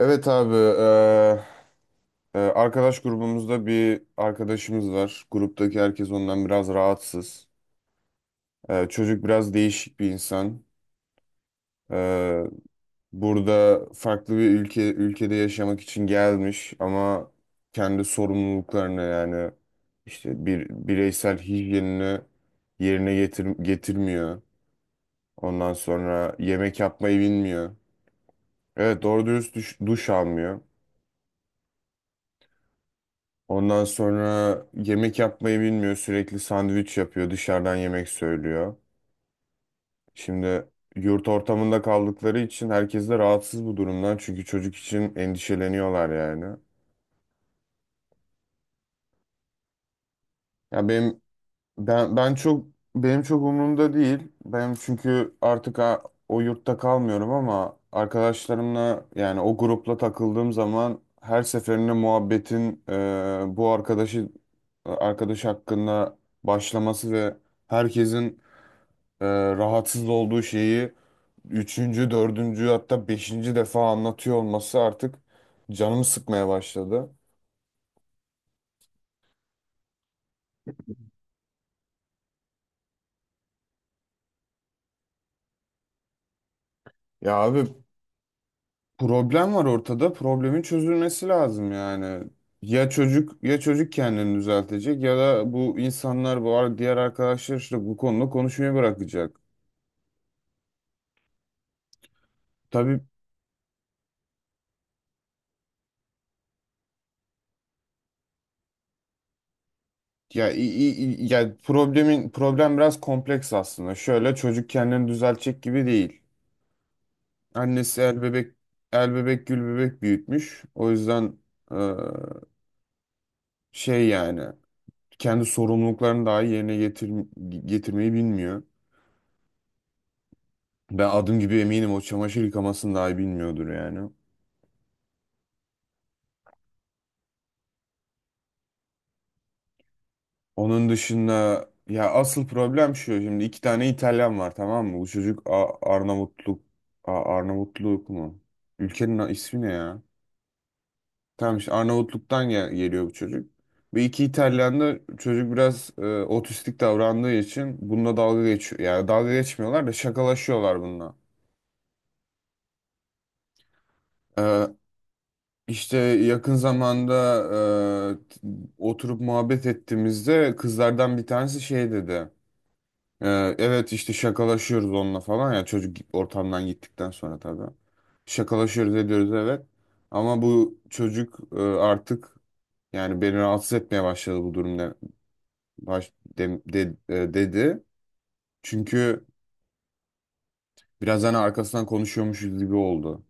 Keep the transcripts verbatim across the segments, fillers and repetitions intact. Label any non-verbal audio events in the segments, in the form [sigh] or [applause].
Evet abi, eee, eee, arkadaş grubumuzda bir arkadaşımız var. Gruptaki herkes ondan biraz rahatsız. Eee, çocuk biraz değişik bir insan. Eee, Burada farklı bir ülke ülkede yaşamak için gelmiş, ama kendi sorumluluklarını, yani işte bir bireysel hijyenini yerine getir, getirmiyor. Ondan sonra yemek yapmayı bilmiyor. Evet, doğru dürüst duş, duş almıyor. Ondan sonra yemek yapmayı bilmiyor. Sürekli sandviç yapıyor. Dışarıdan yemek söylüyor. Şimdi yurt ortamında kaldıkları için herkes de rahatsız bu durumdan. Çünkü çocuk için endişeleniyorlar yani. Ya benim ben ben çok benim çok umurumda değil. Ben çünkü artık a- o yurtta kalmıyorum, ama arkadaşlarımla, yani o grupla takıldığım zaman her seferinde muhabbetin, e, bu arkadaşı arkadaş hakkında başlaması ve herkesin e, rahatsız olduğu şeyi üçüncü, dördüncü, hatta beşinci defa anlatıyor olması artık canımı sıkmaya başladı. Ya abi, problem var ortada. Problemin çözülmesi lazım yani. Ya çocuk ya çocuk kendini düzeltecek, ya da bu insanlar, bu ar- diğer arkadaşlar, işte bu konuda konuşmayı bırakacak. Tabii. Ya, i- i- i- ya problemin problem biraz kompleks aslında. Şöyle, çocuk kendini düzeltecek gibi değil. Annesi el bebek el bebek gül bebek büyütmüş. O yüzden, e, şey yani, kendi sorumluluklarını daha iyi yerine getir, getirmeyi bilmiyor. Ben adım gibi eminim o çamaşır yıkamasını daha iyi bilmiyordur yani. Onun dışında, ya, asıl problem şu. Şimdi iki tane İtalyan var, tamam mı? Bu çocuk A- Arnavutluk A- Arnavutluk mu? Ülkenin ismi ne ya? Tamam, işte Arnavutluk'tan gel- geliyor bu çocuk. Ve iki İtalyan'da çocuk biraz e, otistik davrandığı için bununla dalga geçiyor. Yani dalga geçmiyorlar da, şakalaşıyorlar bununla. E, işte yakın zamanda, e, t- oturup muhabbet ettiğimizde kızlardan bir tanesi şey dedi. E, evet, işte şakalaşıyoruz onunla falan, ya, çocuk ortamdan gittikten sonra tabii. Şakalaşıyoruz, ediyoruz, evet. Ama bu çocuk, e, artık, yani beni rahatsız etmeye başladı bu durum, baş de- de- e, dedi. Çünkü biraz, hani, arkasından konuşuyormuşuz gibi oldu.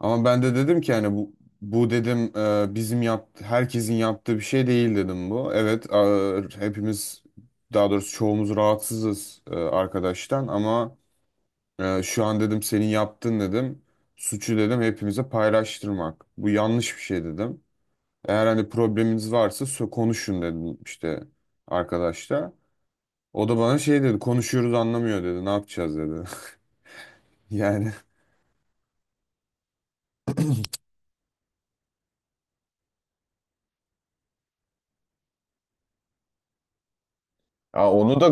Ama ben de dedim ki, hani, bu bu dedim, e, bizim yaptı herkesin yaptığı bir şey değil dedim bu. Evet, e, hepimiz, daha doğrusu çoğumuz rahatsızız, e, arkadaştan, ama e, şu an dedim senin yaptın dedim. Suçu, dedim, hepimize paylaştırmak. Bu yanlış bir şey dedim. Eğer, hani, probleminiz varsa sö- konuşun dedim, işte, arkadaşla. O da bana şey dedi, konuşuyoruz, anlamıyor dedi, ne yapacağız dedi. [laughs] Yani, ya onu da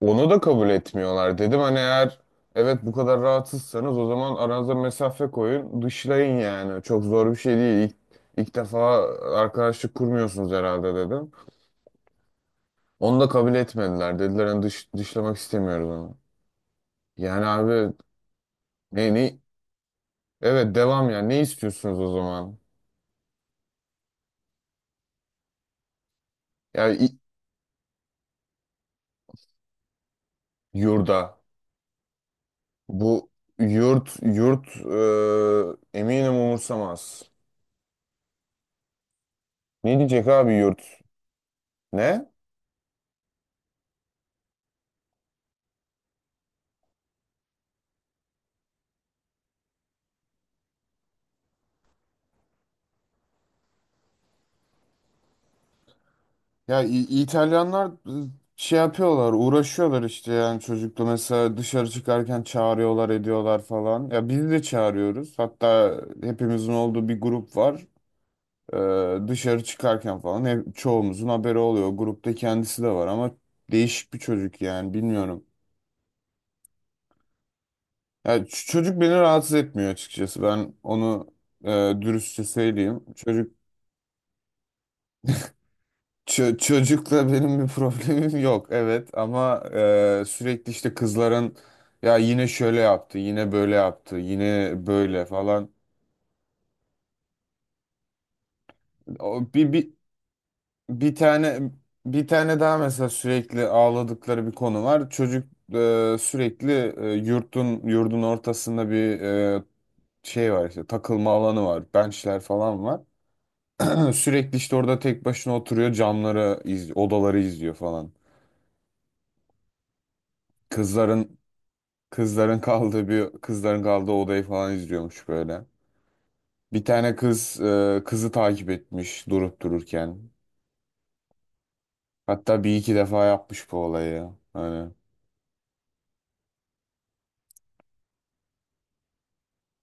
onu da kabul etmiyorlar. Dedim, hani, eğer evet bu kadar rahatsızsanız, o zaman aranıza mesafe koyun, dışlayın yani. Çok zor bir şey değil. İlk, ilk defa arkadaşlık kurmuyorsunuz herhalde dedim. Onu da kabul etmediler. Dediler, hani, dış, dışlamak istemiyoruz onu. Yani abi, ne ne, evet devam, yani ne istiyorsunuz o zaman? Yani i- yurda. Bu yurt yurt, e, eminim, umursamaz. Ne diyecek abi yurt? Ne? Ya, İ- İtalyanlar, e, şey yapıyorlar, uğraşıyorlar işte, yani çocukla mesela dışarı çıkarken çağırıyorlar, ediyorlar falan. Ya biz de çağırıyoruz. Hatta hepimizin olduğu bir grup var. E, dışarı çıkarken falan hep çoğumuzun haberi oluyor. Grupta kendisi de var, ama değişik bir çocuk yani, bilmiyorum. Ya ç- çocuk beni rahatsız etmiyor açıkçası. Ben onu, e, dürüstçe söyleyeyim. Çocuk, ço- çocukla [laughs] benim bir problemim yok. Evet, ama e, sürekli işte kızların, ya, yine şöyle yaptı, yine böyle yaptı, yine böyle falan. O bir bir bir tane bir tane daha mesela sürekli ağladıkları bir konu var. Çocuk, e, sürekli, e, yurtun yurdun ortasında bir, e, şey var, işte takılma alanı var, benchler falan var. [clears throat] Sürekli işte orada tek başına oturuyor, camları iz odaları izliyor falan. Kızların kızların [laughs] kaldığı bir kızların kaldığı odayı falan izliyormuş böyle. Bir tane kız, e, kızı takip etmiş durup dururken. Hatta bir iki defa yapmış bu olayı. Hani,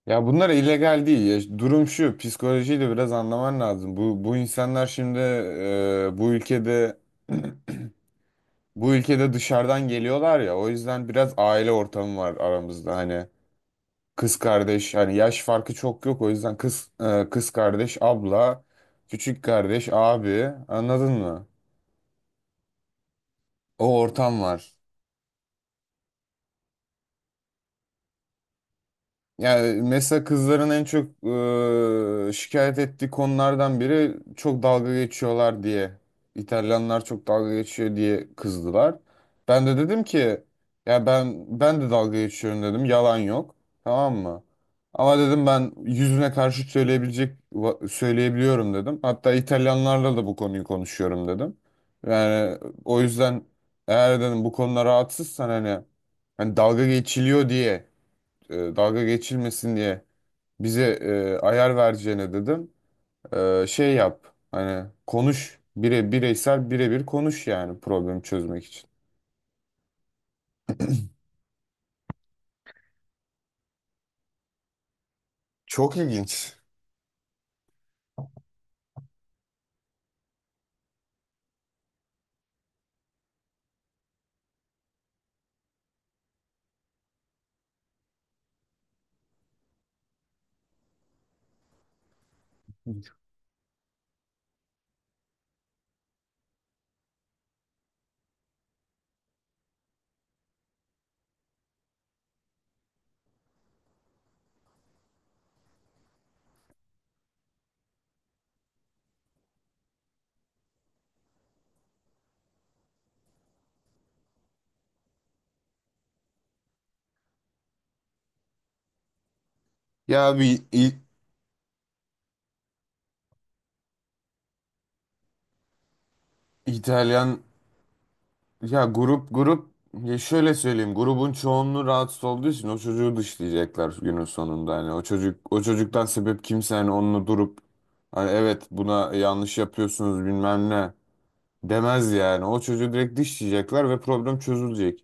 ya, bunlar illegal değil. Ya, işte, durum şu, psikolojiyi de biraz anlaman lazım. Bu bu insanlar şimdi, e, bu ülkede [clears throat] bu ülkede dışarıdan geliyorlar ya. O yüzden biraz aile ortamı var aramızda hani. Kız kardeş, hani yaş farkı çok yok, o yüzden kız e, kız kardeş, abla, küçük kardeş, abi, anladın mı? O ortam var. Yani mesela kızların en çok e, şikayet ettiği konulardan biri çok dalga geçiyorlar diye. İtalyanlar çok dalga geçiyor diye kızdılar. Ben de dedim ki, ya ben ben de dalga geçiyorum dedim. Yalan yok. Tamam mı? Ama dedim ben yüzüne karşı söyleyebilecek va- söyleyebiliyorum dedim. Hatta İtalyanlarla da bu konuyu konuşuyorum dedim. Yani, o yüzden, eğer dedim bu konuda rahatsızsan, hani hani dalga geçiliyor diye, e, dalga geçilmesin diye bize, e, ayar vereceğine dedim. E, şey yap, hani, konuş, bire bireysel birebir konuş yani problemi çözmek için. Çok ilginç. Ya bir İ- İtalyan, ya grup grup, ya şöyle söyleyeyim, grubun çoğunluğu rahatsız olduğu için o çocuğu dışlayacaklar günün sonunda, hani o çocuk o çocuktan sebep kimse hani onunla durup, hani evet buna yanlış yapıyorsunuz, bilmem ne, demez yani. O çocuğu direkt dışlayacaklar ve problem çözülecek.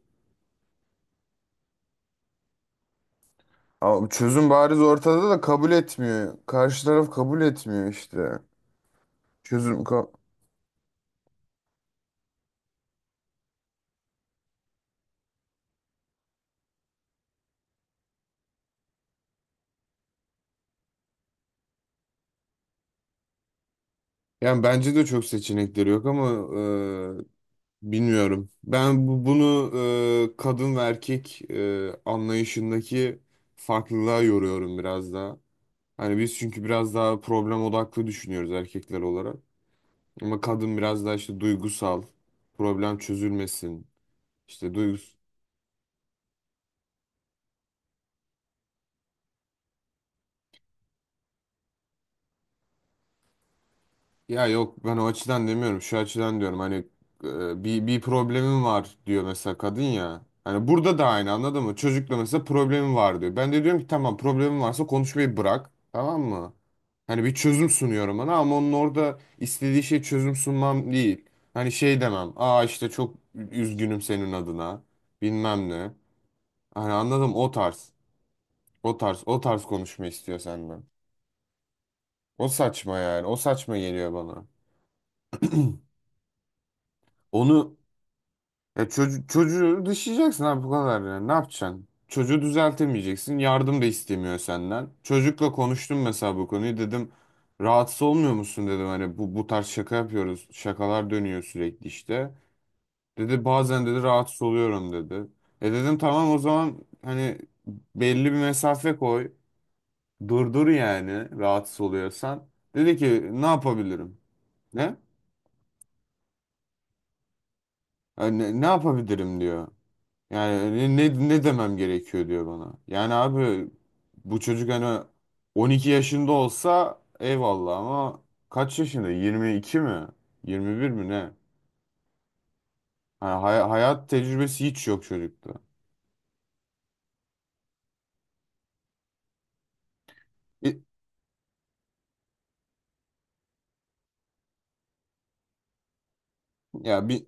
Ama çözüm bariz ortada da kabul etmiyor. Karşı taraf kabul etmiyor işte. Çözüm ka- Yani bence de çok seçenekleri yok, ama e, bilmiyorum. Ben bu, bunu, e, kadın ve erkek, e, anlayışındaki farklılığa yoruyorum biraz daha. Hani biz, çünkü, biraz daha problem odaklı düşünüyoruz erkekler olarak. Ama kadın biraz daha işte duygusal, problem çözülmesin. İşte duygus Ya, yok, ben o açıdan demiyorum. Şu açıdan diyorum, hani, e, bir, bir problemim var diyor mesela kadın, ya. Hani burada da aynı, anladın mı? Çocukla mesela problemim var diyor. Ben de diyorum ki, tamam, problemin varsa konuşmayı bırak. Tamam mı? Hani bir çözüm sunuyorum ona, ama onun orada istediği şey çözüm sunmam değil. Hani şey demem. Aa, işte çok üzgünüm senin adına. Bilmem ne. Hani anladım, o tarz. O tarz. O tarz konuşma istiyor senden. O saçma yani. O saçma geliyor bana. Onu Ya, çocu- çocuğu dışlayacaksın abi, bu kadar ya. Ne yapacaksın? Çocuğu düzeltemeyeceksin. Yardım da istemiyor senden. Çocukla konuştum mesela bu konuyu. Dedim rahatsız olmuyor musun dedim. Hani bu, bu tarz şaka yapıyoruz. Şakalar dönüyor sürekli işte. Dedi bazen dedi rahatsız oluyorum dedi. E dedim, tamam, o zaman, hani, belli bir mesafe koy. Durdur yani, rahatsız oluyorsan. Dedi ki ne yapabilirim? Ne? "E, Ne, ne yapabilirim diyor. Yani ne, ne demem gerekiyor diyor bana. Yani abi, bu çocuk, hani, on iki yaşında olsa eyvallah, ama kaç yaşında? yirmi iki mi? yirmi bir mi ne? Hani hay- hayat tecrübesi hiç yok çocukta. Bir- ya bir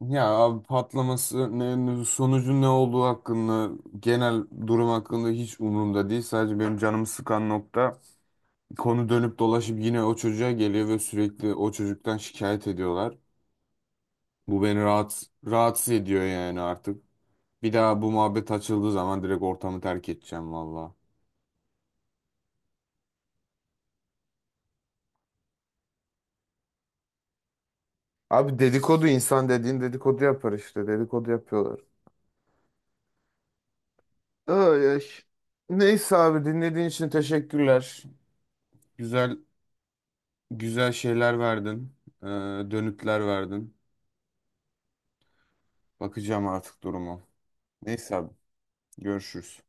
Ya abi, patlaması, ne, ne- sonucu ne olduğu hakkında, genel durum hakkında hiç umurumda değil. Sadece benim canımı sıkan nokta, konu dönüp dolaşıp yine o çocuğa geliyor ve sürekli o çocuktan şikayet ediyorlar. Bu beni rahat, rahatsız ediyor yani artık. Bir daha bu muhabbet açıldığı zaman direkt ortamı terk edeceğim valla. Abi dedikodu, insan dediğin dedikodu yapar işte. Dedikodu yapıyorlar. Ay, ay. Neyse abi, dinlediğin için teşekkürler. Güzel, güzel şeyler verdin. Ee, Dönütler verdin. Bakacağım artık duruma. Neyse abi, görüşürüz.